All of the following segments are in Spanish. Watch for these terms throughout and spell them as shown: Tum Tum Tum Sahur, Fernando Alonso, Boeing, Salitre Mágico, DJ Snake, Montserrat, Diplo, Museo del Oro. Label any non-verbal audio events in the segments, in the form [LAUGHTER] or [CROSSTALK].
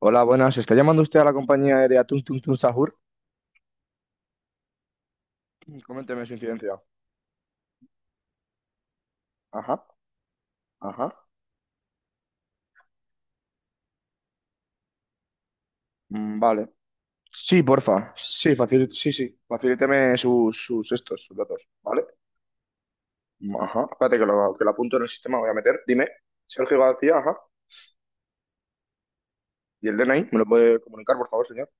Hola, buenas. ¿Está llamando usted a la compañía aérea Tum Tum Tum Sahur? Coménteme su incidencia. Ajá, ajá. Vale. Sí, porfa. Sí, sí, sí. Facilíteme sus datos, ¿vale? Mm, ajá. Espérate que lo apunto en el sistema, voy a meter. Dime. Sergio García, ajá. ¿Y el DNI? ¿Me lo puede comunicar, por favor, señor?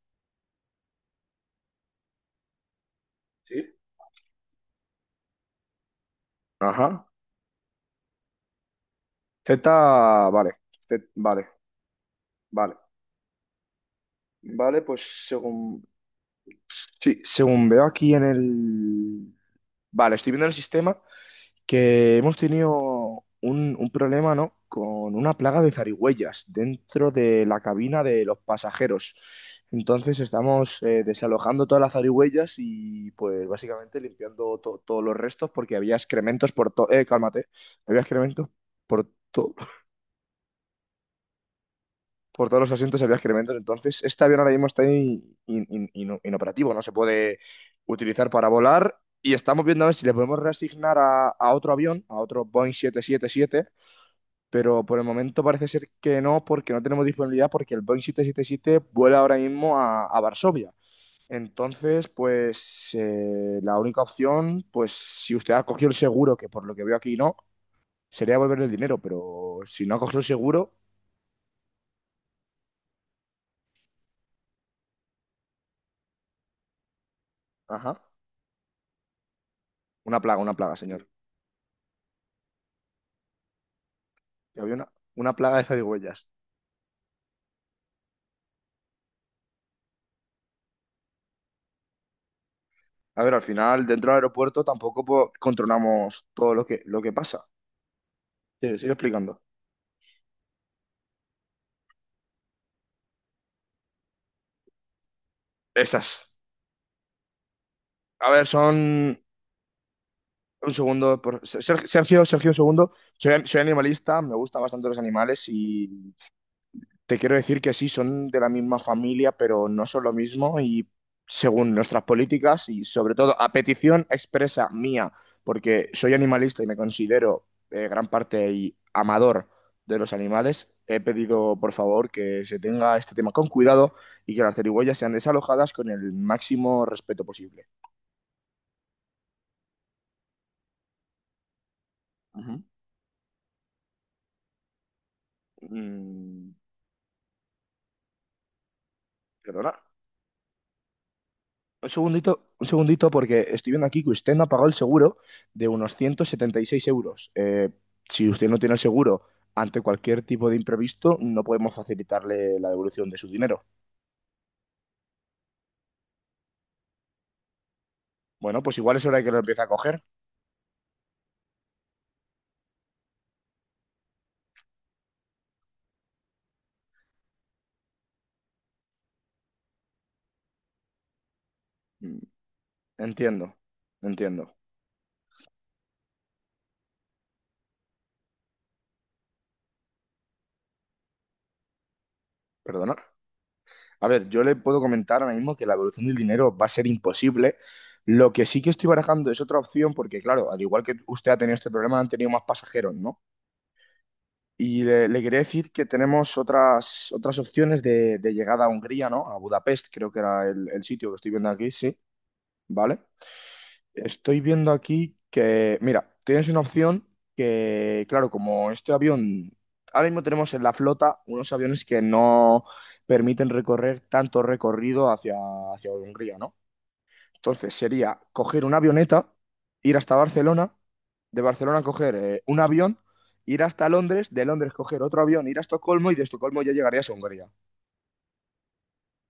Sí. Ajá. Z, vale. Z, vale, vale. Vale, pues según... Sí, según veo aquí en el... Vale, estoy viendo el sistema. Que hemos tenido un problema, ¿no? Con una plaga de zarigüeyas dentro de la cabina de los pasajeros. Entonces estamos desalojando todas las zarigüeyas y pues básicamente limpiando todos los restos porque había excrementos por todo... Cálmate. Había excrementos por todo... Por todos los asientos había excrementos. Entonces este avión ahora mismo está inoperativo, no se puede utilizar para volar. Y estamos viendo a ver si le podemos reasignar a otro avión, a otro Boeing 777, pero por el momento parece ser que no, porque no tenemos disponibilidad, porque el Boeing 777 vuela ahora mismo a Varsovia. Entonces, pues la única opción, pues si usted ha cogido el seguro, que por lo que veo aquí no, sería volver el dinero, pero si no ha cogido el seguro, ajá, una plaga, señor. Que había una plaga de zarigüeyas. A ver, al final, dentro del aeropuerto tampoco controlamos todo lo que pasa. Sí, sigo explicando. Esas. A ver, son... Un segundo, por... Sergio, Sergio, un segundo. Soy animalista, me gustan bastante los animales y te quiero decir que sí, son de la misma familia, pero no son lo mismo y según nuestras políticas y sobre todo a petición expresa mía, porque soy animalista y me considero gran parte y amador de los animales, he pedido por favor que se tenga este tema con cuidado y que las zarigüeyas sean desalojadas con el máximo respeto posible. Ujú. Mm, Perdona. Un segundito, un segundito, porque estoy viendo aquí que usted no ha pagado el seguro de unos 176 euros. Si usted no tiene el seguro ante cualquier tipo de imprevisto, no podemos facilitarle la devolución de su dinero. Bueno, pues igual es hora de que lo empiece a coger. Mm, Entiendo, entiendo. Perdona. A ver, yo le puedo comentar ahora mismo que la devolución del dinero va a ser imposible. Lo que sí que estoy barajando es otra opción, porque claro, al igual que usted ha tenido este problema, han tenido más pasajeros, ¿no? Y le quería decir que tenemos otras opciones de llegada a Hungría, ¿no? A Budapest, creo que era el sitio que estoy viendo aquí, sí, ¿vale? Estoy viendo aquí que, mira, tienes una opción que, claro, como este avión, ahora mismo tenemos en la flota unos aviones que no permiten recorrer tanto recorrido hacia Hungría, ¿no? Entonces sería coger una avioneta, ir hasta Barcelona, de Barcelona coger un avión, ir hasta Londres, de Londres coger otro avión, ir a Estocolmo y de Estocolmo ya llegarías a Hungría.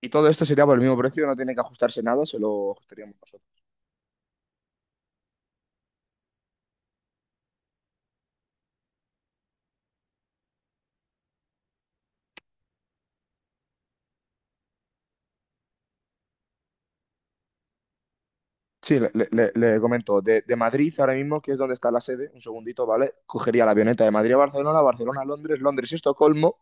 Y todo esto sería por el mismo precio, no tiene que ajustarse nada, se lo ajustaríamos nosotros. Sí, le comento, de Madrid ahora mismo, que es donde está la sede, un segundito, ¿vale? Cogería la avioneta de Madrid a Barcelona, Barcelona a Londres, Londres a Estocolmo,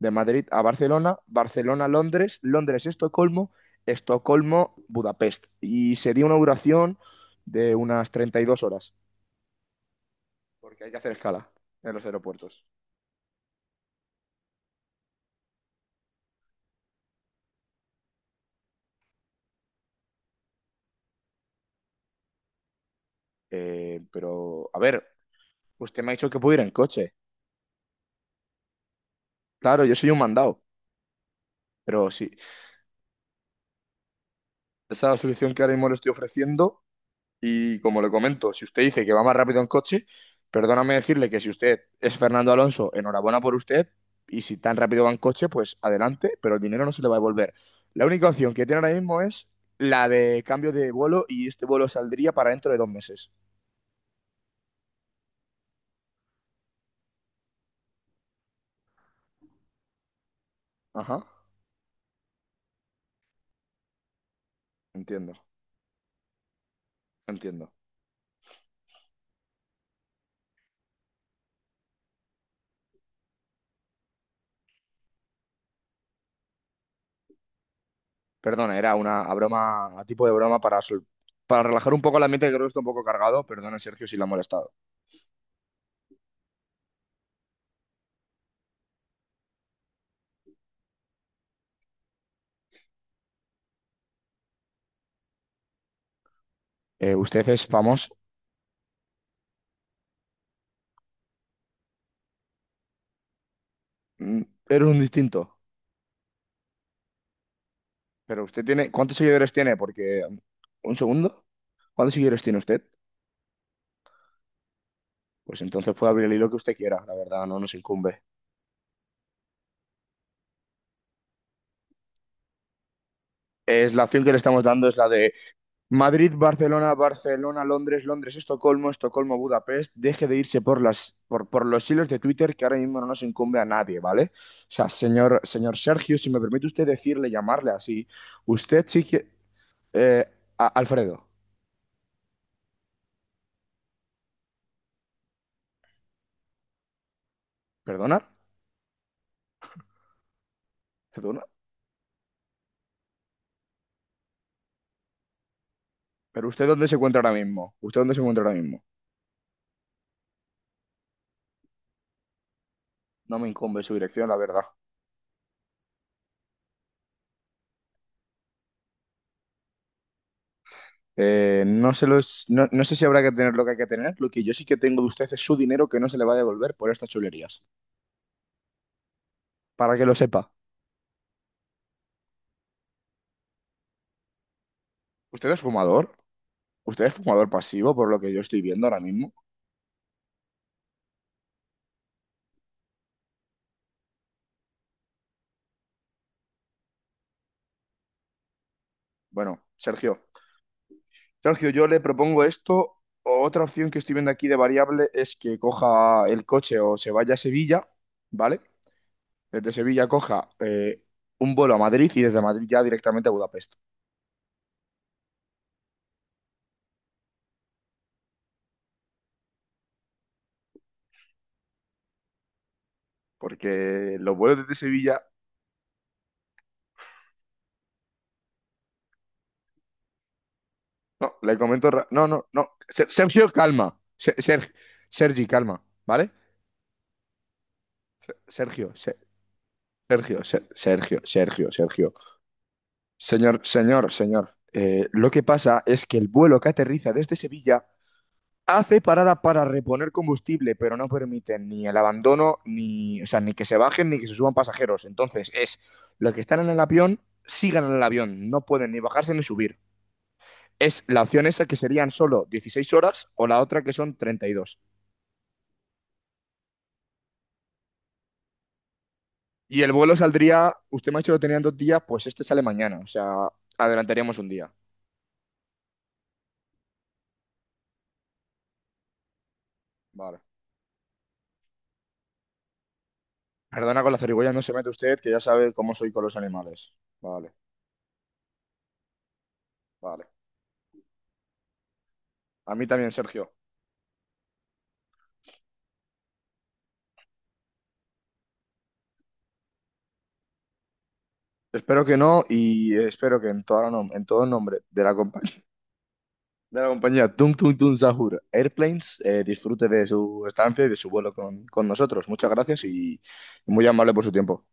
de Madrid a Barcelona, Barcelona, a Londres, Londres, a Estocolmo, Estocolmo, Budapest. Y sería una duración de unas 32 horas, porque hay que hacer escala en los aeropuertos. Pero, a ver, usted me ha dicho que puedo ir en coche. Claro, yo soy un mandado, pero sí, esa es la solución que ahora mismo le estoy ofreciendo. Y como le comento, si usted dice que va más rápido en coche, perdóname decirle que si usted es Fernando Alonso, enhorabuena por usted. Y si tan rápido va en coche, pues adelante, pero el dinero no se le va a devolver. La única opción que tiene ahora mismo es la de cambio de vuelo y este vuelo saldría para dentro de 2 meses. Ajá, entiendo, entiendo. Perdona, era una broma, a tipo de broma para, para relajar un poco el ambiente que creo que está un poco cargado. Perdona, Sergio, si la ha molestado. Usted es famoso. Mm. Eres un distinto. Pero usted tiene, ¿cuántos seguidores tiene? Porque, un segundo, ¿cuántos seguidores tiene usted? Pues entonces puede abrir el hilo que usted quiera, la verdad, no nos incumbe. Es la opción que le estamos dando, es la de Madrid, Barcelona, Barcelona, Londres, Londres, Estocolmo, Estocolmo, Budapest. Deje de irse por los hilos de Twitter que ahora mismo no nos incumbe a nadie, ¿vale? O sea, señor, señor Sergio, si me permite usted decirle, llamarle así, usted sí que... eh, Alfredo. ¿Perdona? ¿Perdona? ¿Pero usted dónde se encuentra ahora mismo? ¿Usted dónde se encuentra ahora mismo? No me incumbe su dirección, la verdad. No sé si habrá que tener lo que hay que tener. Lo que yo sí que tengo de usted es su dinero que no se le va a devolver por estas chulerías. Para que lo sepa. ¿Usted es fumador? ¿Usted es fumador pasivo por lo que yo estoy viendo ahora mismo? Bueno, Sergio. Sergio, yo le propongo esto. Otra opción que estoy viendo aquí de variable es que coja el coche o se vaya a Sevilla, ¿vale? Desde Sevilla coja un vuelo a Madrid y desde Madrid ya directamente a Budapest. Porque los vuelos desde Sevilla... No, le comento. No, no, no. Sergio, calma. Sergi, calma, ¿vale? Sergio, Sergio, Sergio, Sergio, Sergio. Señor, señor, señor. Lo que pasa es que el vuelo que aterriza desde Sevilla hace parada para reponer combustible, pero no permite ni el abandono, ni, o sea, ni que se bajen ni que se suban pasajeros. Entonces, es los que están en el avión, sigan en el avión. No pueden ni bajarse ni subir. Es la opción esa que serían solo 16 horas o la otra que son 32. Y el vuelo saldría, usted me ha dicho que lo tenían 2 días, pues este sale mañana, o sea, adelantaríamos un día. Vale. Perdona con la zarigüeya, no se mete usted, que ya sabe cómo soy con los animales. Vale, vale. A mí también, Sergio. Espero que no y espero que en todo, en todo nombre de la compañía, [LAUGHS] de la compañía Tung Tung Tung Sahur Airplanes disfrute de su estancia y de su vuelo con nosotros. Muchas gracias y muy amable por su tiempo.